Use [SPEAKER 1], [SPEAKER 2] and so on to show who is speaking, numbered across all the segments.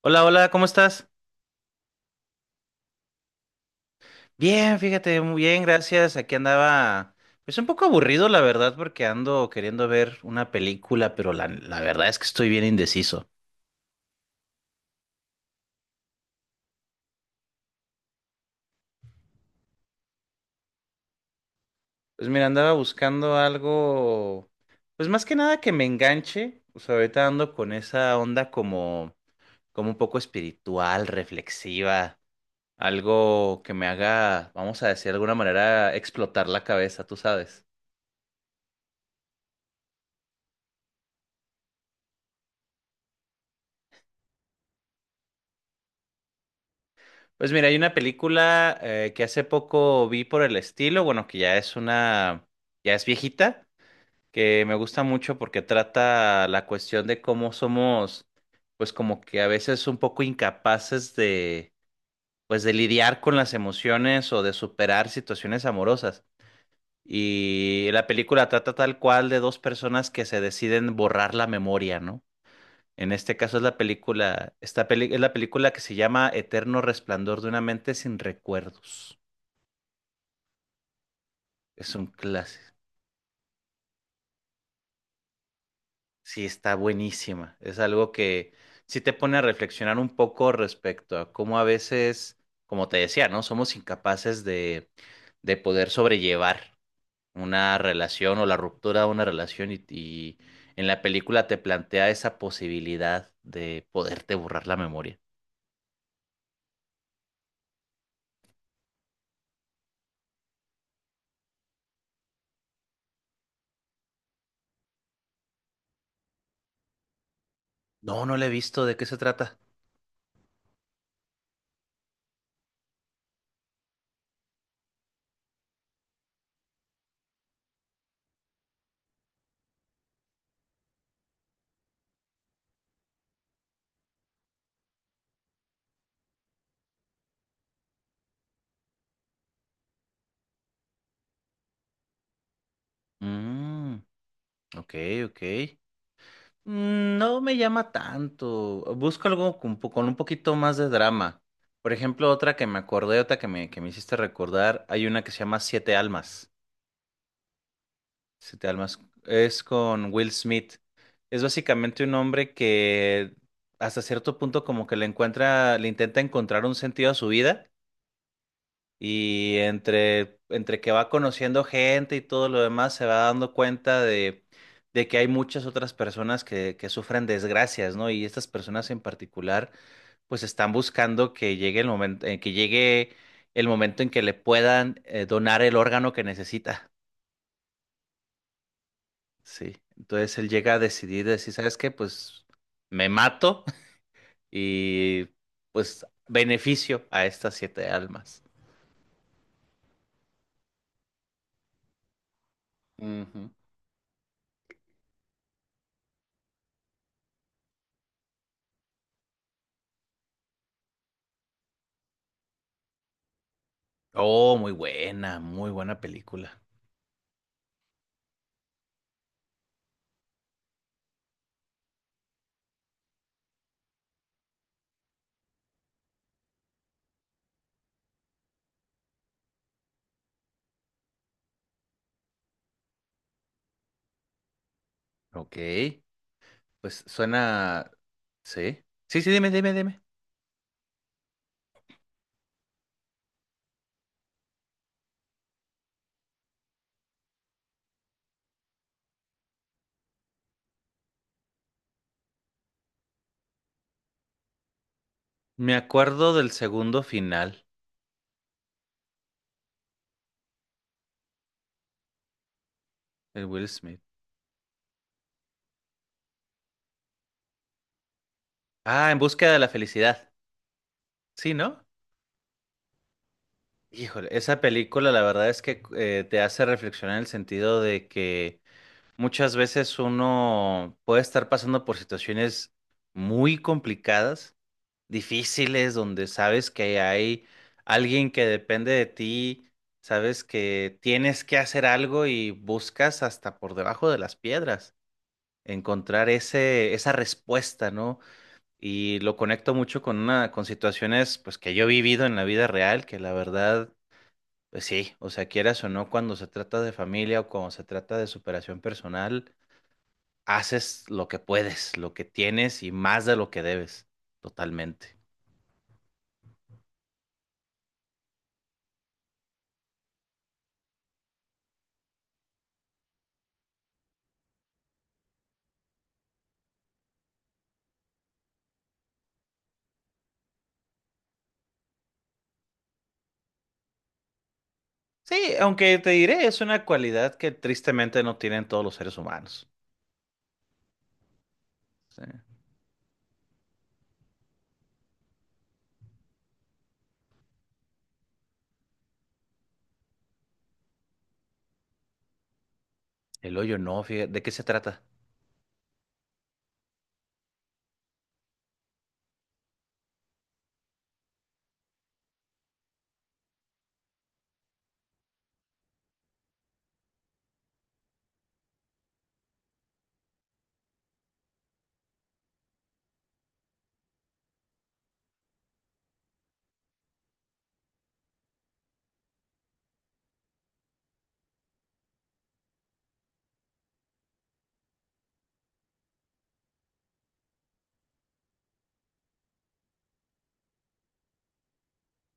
[SPEAKER 1] Hola, hola, ¿cómo estás? Bien, fíjate, muy bien, gracias. Aquí andaba, pues un poco aburrido, la verdad, porque ando queriendo ver una película, pero la verdad es que estoy bien indeciso. Pues mira, andaba buscando algo, pues más que nada que me enganche. O sea, ahorita ando con esa onda como, como un poco espiritual, reflexiva, algo que me haga, vamos a decir de alguna manera, explotar la cabeza, tú sabes. Pues mira, hay una película que hace poco vi por el estilo, bueno, que ya es una, ya es viejita, que me gusta mucho porque trata la cuestión de cómo somos, pues como que a veces un poco incapaces de, pues de lidiar con las emociones o de superar situaciones amorosas. Y la película trata tal cual de dos personas que se deciden borrar la memoria, ¿no? En este caso es la película, es la película que se llama Eterno Resplandor de una mente sin recuerdos. Es un clásico. Sí, está buenísima. Es algo que sí te pone a reflexionar un poco respecto a cómo a veces, como te decía, ¿no? Somos incapaces de poder sobrellevar una relación o la ruptura de una relación y en la película te plantea esa posibilidad de poderte borrar la memoria. No, no la he visto. ¿De qué se trata? Mm. Ok, ok. Mm, no me llama tanto. Busco algo con, con un poquito más de drama. Por ejemplo, otra que me acordé, otra que me hiciste recordar, hay una que se llama Siete Almas. Siete Almas es con Will Smith. Es básicamente un hombre que hasta cierto punto como que le encuentra, le intenta encontrar un sentido a su vida. Y entre, entre que va conociendo gente y todo lo demás, se va dando cuenta de que hay muchas otras personas que sufren desgracias, ¿no? Y estas personas en particular, pues están buscando que llegue el momento, que llegue el momento en que le puedan donar el órgano que necesita. Sí. Entonces él llega a decidir, decir, ¿sabes qué? Pues me mato y pues beneficio a estas siete almas. Ujú. Oh, muy buena película. Ok, pues suena... Sí. Sí, sí, dime, dime, dime. Me acuerdo del segundo final, el Will Smith. Ah, En búsqueda de la felicidad. Sí, ¿no? Híjole, esa película la verdad es que te hace reflexionar en el sentido de que muchas veces uno puede estar pasando por situaciones muy complicadas difíciles, donde sabes que hay alguien que depende de ti, sabes que tienes que hacer algo y buscas hasta por debajo de las piedras encontrar ese, esa respuesta, ¿no? Y lo conecto mucho con una, con situaciones pues que yo he vivido en la vida real, que la verdad, pues sí, o sea, quieras o no, cuando se trata de familia o cuando se trata de superación personal, haces lo que puedes, lo que tienes y más de lo que debes, totalmente. Sí, aunque te diré, es una cualidad que tristemente no tienen todos los seres humanos. Sí. El hoyo no, fíjate, ¿de qué se trata?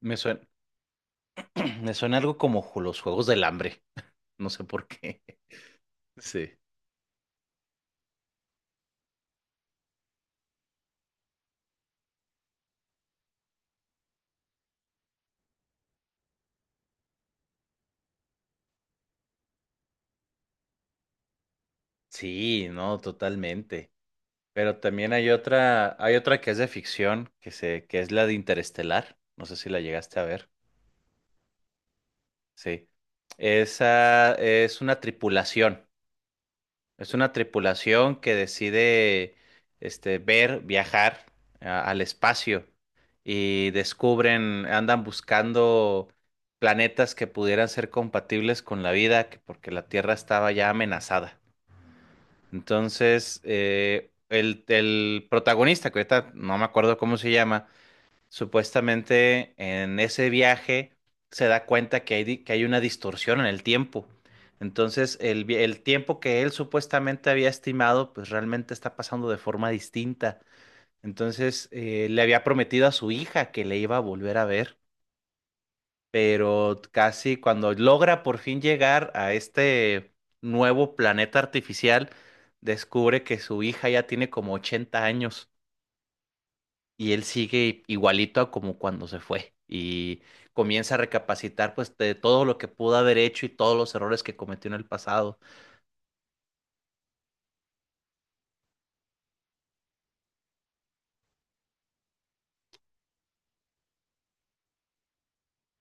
[SPEAKER 1] Me suena, me suena algo como los juegos del hambre, no sé por qué. Sí. Sí, no, totalmente. Pero también hay otra que es de ficción, que se, que es la de Interestelar. No sé si la llegaste a ver. Sí. Esa es una tripulación. Es una tripulación que decide este, ver, viajar al espacio y descubren, andan buscando planetas que pudieran ser compatibles con la vida, porque la Tierra estaba ya amenazada. Entonces, el protagonista, que ahorita no me acuerdo cómo se llama. Supuestamente en ese viaje se da cuenta que hay, que hay una distorsión en el tiempo. Entonces, el, el tiempo que él supuestamente había estimado, pues realmente está pasando de forma distinta. Entonces, le había prometido a su hija que le iba a volver a ver, pero casi cuando logra por fin llegar a este nuevo planeta artificial, descubre que su hija ya tiene como 80 años y él sigue igualito a como cuando se fue y comienza a recapacitar pues de todo lo que pudo haber hecho y todos los errores que cometió en el pasado.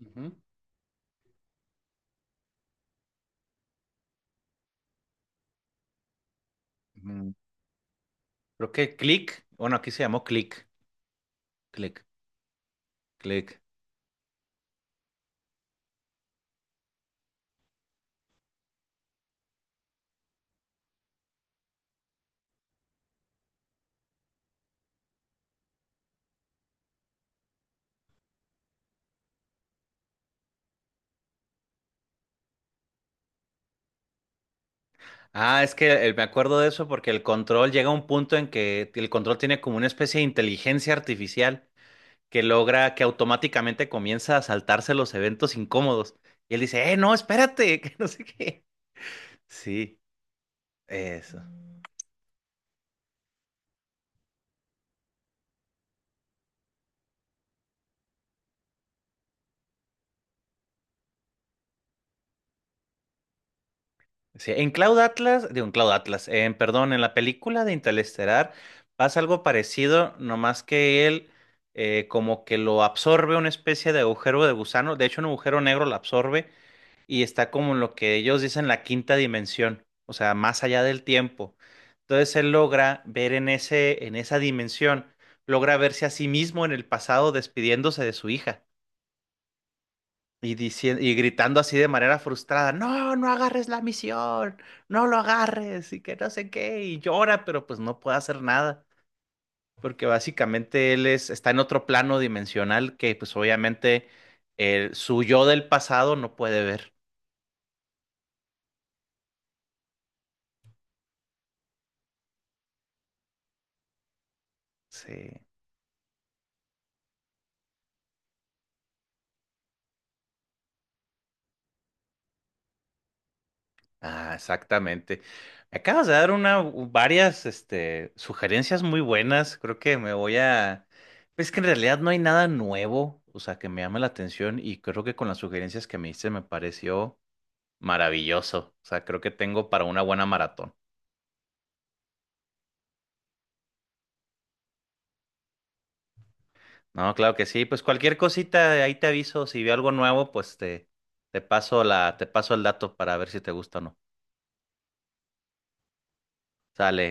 [SPEAKER 1] Ujú. Ujú. Creo que Click, bueno, aquí se llamó Click, Click, Click. Ah, es que me acuerdo de eso porque el control llega a un punto en que el control tiene como una especie de inteligencia artificial que logra que automáticamente comienza a saltarse los eventos incómodos. Y él dice, no, espérate, que no sé qué. Sí, eso. Sí, en Cloud Atlas, digo, en Cloud Atlas, en, perdón, en la película de Interestelar pasa algo parecido, nomás que él como que lo absorbe una especie de agujero de gusano, de hecho un agujero negro lo absorbe y está como en lo que ellos dicen la quinta dimensión, o sea, más allá del tiempo. Entonces él logra ver en ese, en esa dimensión, logra verse a sí mismo en el pasado despidiéndose de su hija. Y diciendo, y gritando así de manera frustrada, no, no agarres la misión, no lo agarres, y que no sé qué, y llora, pero pues no puede hacer nada, porque básicamente él es, está en otro plano dimensional que pues obviamente el, su yo del pasado no puede ver. Sí. Ah, exactamente. Me acabas de dar una, varias, este, sugerencias muy buenas. Creo que me voy a... Es que en realidad no hay nada nuevo, o sea, que me llame la atención y creo que con las sugerencias que me diste me pareció maravilloso. O sea, creo que tengo para una buena maratón. No, claro que sí. Pues cualquier cosita, ahí te aviso. Si veo algo nuevo, pues te paso la, te paso el dato para ver si te gusta o no. Sale.